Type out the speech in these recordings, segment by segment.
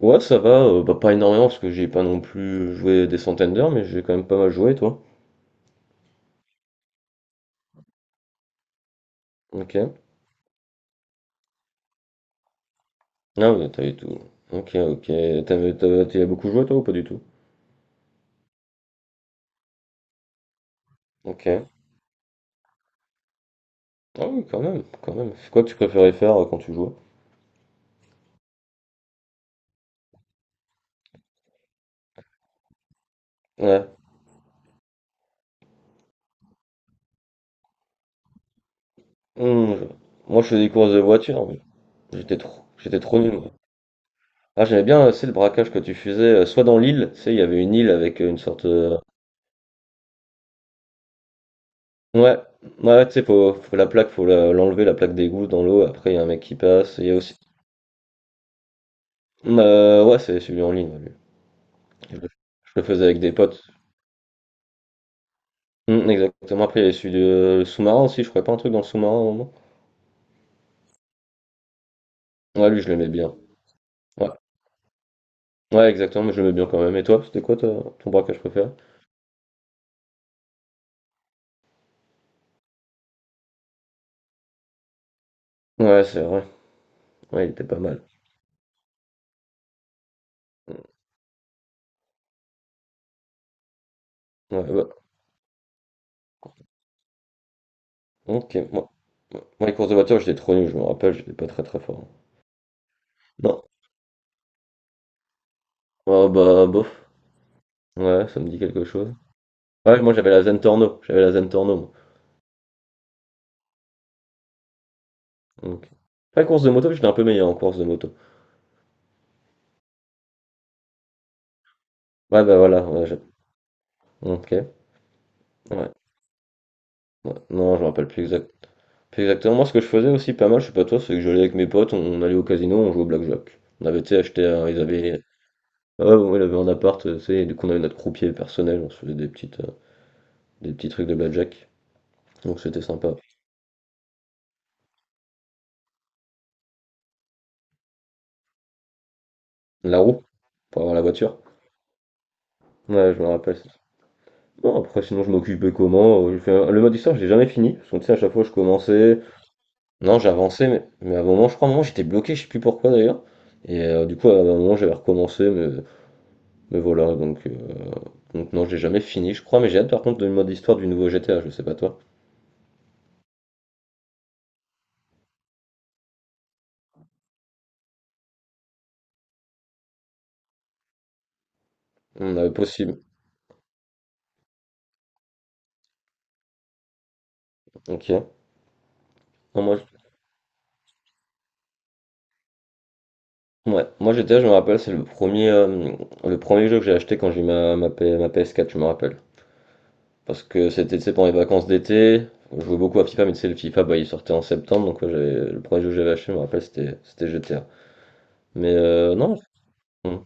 Ouais, ça va, bah, pas énormément parce que j'ai pas non plus joué des centaines d'heures, mais j'ai quand même pas mal joué, toi. Ok. Ah ouais, t'as eu tout. Ok, ok. T'y as beaucoup joué, toi, ou pas du tout? Ok. Ah oui, quand même, quand même. C'est quoi que tu préférais faire quand tu jouais? Ouais. Hmm, Moi, je faisais des courses de voiture, mais j'étais trop nul, moi. Ah, j'aimais bien, c'est le braquage que tu faisais, soit dans l'île, tu sais, il y avait une île avec une sorte. Ouais, ouais, tu sais, faut la plaque, l'enlever, la plaque d'égout dans l'eau, après, il y a un mec qui passe, il y a aussi. Ouais, c'est celui en ligne, ouais, lui. Je le je le faisais avec des potes. Mm, exactement. Après, il y avait celui de le sous-marin aussi, je crois pas un truc dans le sous-marin au moment. Ouais, lui, je l'aimais bien. Ouais. Ouais, exactement, mais je l'aimais bien quand même. Et toi, c'était quoi toi, ton braquage préféré? Ouais, c'est vrai. Ouais, il était pas mal. Ouais, ouais. Ok, moi. Moi, les courses de voiture, j'étais trop nul, je me rappelle, j'étais pas très très fort. Non. Ah bah, bof. Ouais, ça me dit quelque chose. Ouais, moi j'avais la Zentorno, moi. Donc. Après, course de moto, j'étais un peu meilleur en course de moto. Ouais, bah voilà, ouais, ok. Ouais. Ouais, non, je me rappelle plus, plus exactement. Moi, ce que je faisais aussi pas mal, je sais pas toi, c'est que j'allais avec mes potes, on allait au casino, on jouait au blackjack. On avait, tu sais, acheté, ils avaient, ah ouais, bon, il avait un appart, tu sais, et du coup, on avait notre croupier personnel, on se faisait des petits trucs de blackjack. Donc, c'était sympa. La roue, pour avoir la voiture. Ouais, je me rappelle. Non, après, sinon, je m'occupais comment? Le mode histoire, je l'ai jamais fini, parce que, tu sais, à chaque fois, je commençais. Non, j'avançais, mais à un moment, je crois, à un moment, j'étais bloqué, je sais plus pourquoi d'ailleurs. Et du coup, à un moment, j'avais recommencé, mais voilà, donc. Donc non, j'ai jamais fini, je crois, mais j'ai hâte par contre de mode histoire du nouveau GTA, je sais pas toi. On a possible. Ok. Non, moi, ouais. Moi GTA, je me rappelle, c'est le premier jeu que j'ai acheté quand j'ai eu ma PS4, je me rappelle. Parce que c'était, tu sais, pendant les vacances d'été, je jouais beaucoup à FIFA, mais tu sais, le FIFA, bah, il sortait en septembre, donc ouais, le premier jeu que j'avais acheté, je me rappelle, c'était GTA. Mais non, hum.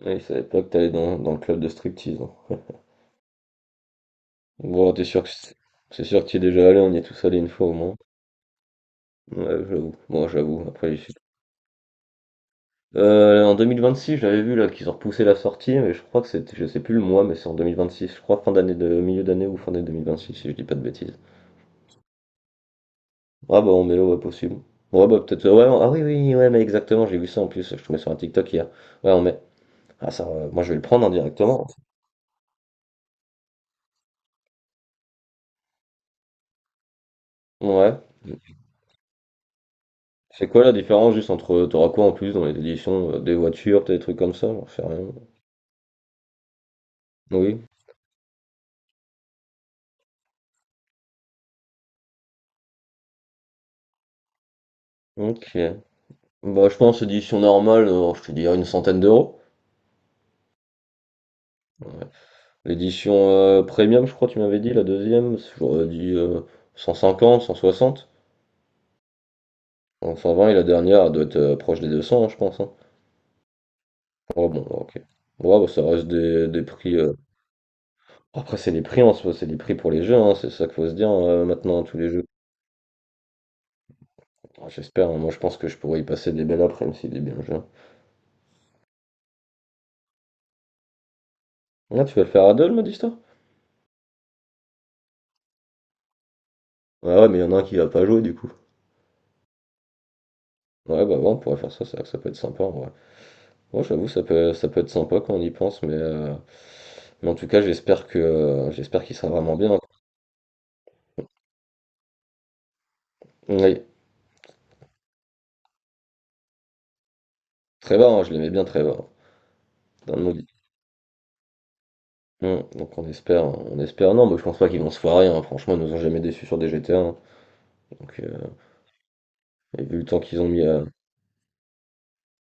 Ouais, c'est à l'époque, t'allais dans le club de striptease, hein. Bon, t'es sûr que c'est sûr que tu es déjà allé, on y est tous allés une fois au moins. Ouais, j'avoue. Moi, j'avoue. Après, en six j'avais vu là qu'ils ont repoussé la sortie, mais je crois que c'était, je sais plus le mois, mais c'est en 2026, je crois fin d'année de milieu d'année ou fin d'année 2026, si je dis pas de bêtises. Ah bah on est là, ouais, possible. Ouais bah peut-être, ouais, ah oui oui, ouais mais exactement, j'ai vu ça en plus, je te mets sur un TikTok hier. Ouais on met, ah ça, moi je vais le prendre hein, directement. Ouais. C'est quoi la différence juste entre, t'auras quoi en plus dans les éditions, des voitures, peut-être des trucs comme ça, j'en sais rien. Oui. Ok. Bah je pense édition normale, je te dirais une centaine d'euros. L'édition premium, je crois, tu m'avais dit, la deuxième, j'aurais dit 150, 160, donc 120, et la dernière elle doit être proche des 200, hein, je pense, hein. Ouais, bon, ok. Ouais, bah, ça reste des prix. Après, c'est des prix en soi, c'est des prix pour les jeux, hein, c'est ça qu'il faut se dire maintenant, tous les jeux. Ah, j'espère, hein, moi je pense que je pourrais y passer des belles après, même si des belles jeux, hein. Ah, tu vas le faire à deux, le mode histoire? Ouais, ouais, mais il y en a un qui va pas jouer du coup. Ouais, bah ouais, on pourrait faire ça, c'est vrai que ça peut être sympa en. Ouais, j'avoue, ça peut être sympa quand on y pense, mais en tout cas, j'espère qu'il sera vraiment bien. Oui, Trevor, hein, je l'aimais bien, Trevor. Dans le mobile. Donc on espère, on espère. Non, mais je pense pas qu'ils vont se foirer, hein. Franchement, ils nous ont jamais déçus sur des GTA, hein. Donc, et vu le temps qu'ils ont mis, à...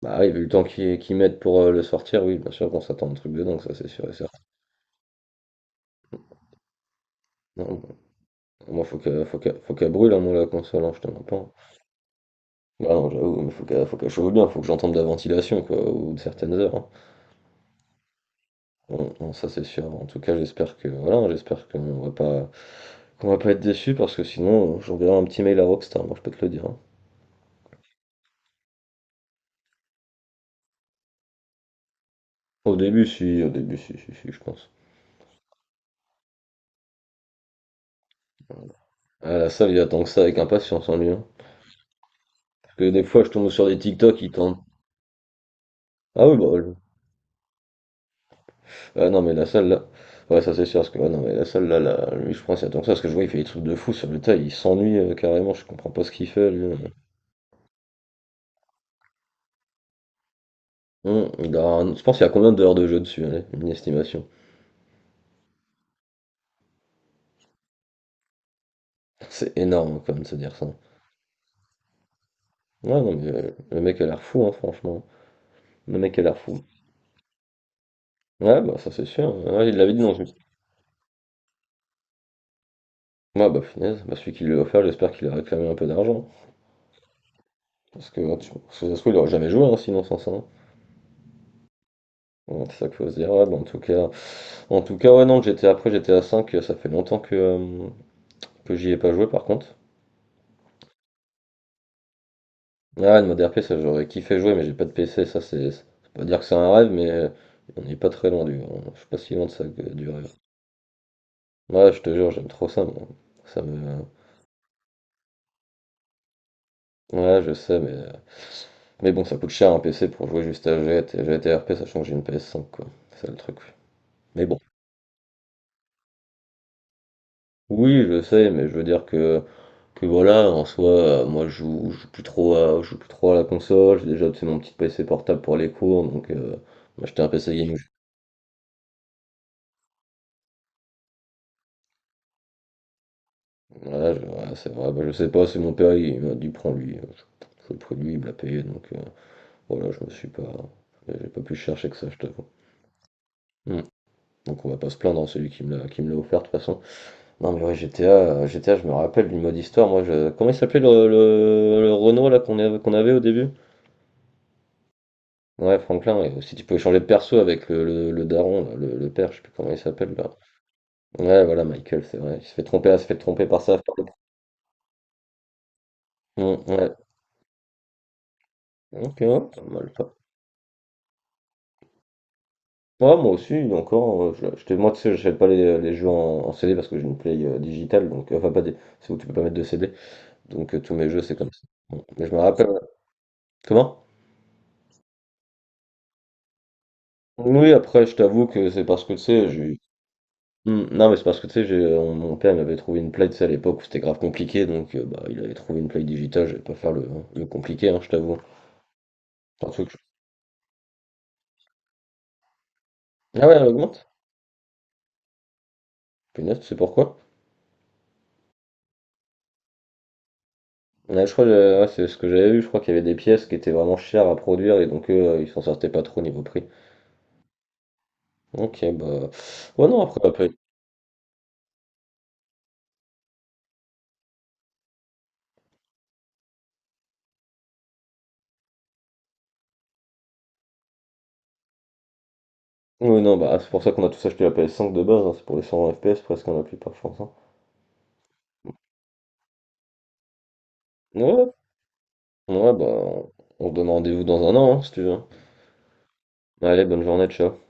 Bah, et vu le temps qu'ils mettent pour le sortir, oui, bien sûr qu'on s'attend à un truc de dingue, ça c'est sûr et certain. Non, bon, moi faut qu'elle brûle, hein, moi la console, hein, je te mens pas. Bah non, j'avoue, mais faut qu'elle chauffe bien, faut que j'entende de la ventilation, quoi, ou de certaines heures, hein. Non, non, ça c'est sûr. En tout cas, j'espère que voilà, j'espère qu'on va pas être déçu parce que sinon, j'enverrai un petit mail à Rockstar, moi je peux te le dire, hein. Au début, si, si, si, je pense. À la salle, il attend que ça avec impatience, en lui, hein. Parce que des fois, je tombe sur des TikTok, il tente. Ah oui, bah, ah non, mais la salle là, ouais, ça c'est sûr. Parce que ouais, non, mais la salle là, là, lui, je pense, il attend que ça parce que je vois, il fait des trucs de fou sur le tas, il s'ennuie carrément. Je comprends pas ce qu'il fait, lui, hein. Je pense qu'il y a combien d'heures de jeu dessus, allez, une estimation. C'est énorme quand même de se dire ça. Ouais, non, mais le mec a l'air fou, hein, franchement. Le mec a l'air fou. Ouais, bah ça c'est sûr. Ouais, il l'avait dit dans une. Ouais, bah finesse. Bah, celui qui lui a offert, j'espère qu'il a réclamé un peu d'argent. Parce que, ouais, parce que ça se trouve, il aurait jamais joué, hein, sinon sans ça, hein. Ouais, c'est ça qu'il faut se dire. Ouais, bah, en tout cas, ouais, non, j'étais à cinq, ça fait longtemps que j'y ai pas joué par contre. Ah, une mode RP, ça j'aurais kiffé jouer, mais j'ai pas de PC, ça c'est. C'est pas dire que c'est un rêve, mais on n'est pas très loin du. Je suis pas si loin de ça que du rêve. Ouais, je te jure, j'aime trop ça, moi. Ça me. Ouais, je sais, mais bon, ça coûte cher un PC pour jouer juste à GT, GTRP, sachant que j'ai une PS5, quoi. C'est ça, le truc. Mais bon. Oui, je sais, mais je veux dire que voilà, en soi, moi, je joue plus trop à la console. J'ai déjà, tu sais, mon petit PC portable pour les cours, donc m'acheter un PC gaming. Voilà, ouais, c'est vrai, bah, je sais pas, c'est mon père, il m'a dit, prends lui. Je le prends lui, il me l'a payé, donc voilà, je me suis pas. J'ai pas plus cherché que ça, je t'avoue. Hmm. Donc on va pas se plaindre, hein, celui qui me l'a offert de toute façon. Non mais ouais GTA, GTA je me rappelle du mode histoire, moi je. Comment il s'appelait le Renault là qu'on avait au début? Ouais Franklin, ouais. Si tu pouvais changer de perso avec le daron, là, le père, je sais plus comment il s'appelle là. Ouais voilà Michael, c'est vrai. Il se fait tromper, il se fait tromper par ça. Ouais. Ok, ouais, pas mal ça. Ouais, moi aussi, encore, moi tu sais, j'achète pas les jeux en CD parce que j'ai une Play digitale, donc enfin pas des. C'est où tu peux pas mettre de CD. Donc tous mes jeux c'est comme ça. Bon, mais je me rappelle. Ouais. Comment? Oui, après, je t'avoue que c'est parce que tu sais, j'ai. Hmm, non, mais c'est parce que tu sais, mon père il m'avait trouvé une play, tu sais, à l'époque où c'était grave compliqué, donc bah, il avait trouvé une play digitale, je vais pas faire le, hein, le compliqué, hein, je t'avoue. Un truc. Ah ouais, elle augmente? Punaise, tu sais pourquoi? Ouais, je crois, ouais, c'est ce que j'avais vu, je crois qu'il y avait des pièces qui étaient vraiment chères à produire et donc eux, ils s'en sortaient pas trop au niveau prix. Ok, bah. Ouais, non, après la PS. Ouais, non, bah, c'est pour ça qu'on a tous acheté la PS5 de base, hein, c'est pour les 120 FPS presque, hein, la plupart, je pense, hein. Ouais, ouais, bah, on se donne rendez-vous dans un an, hein, si tu veux, hein. Allez, bonne journée, ciao.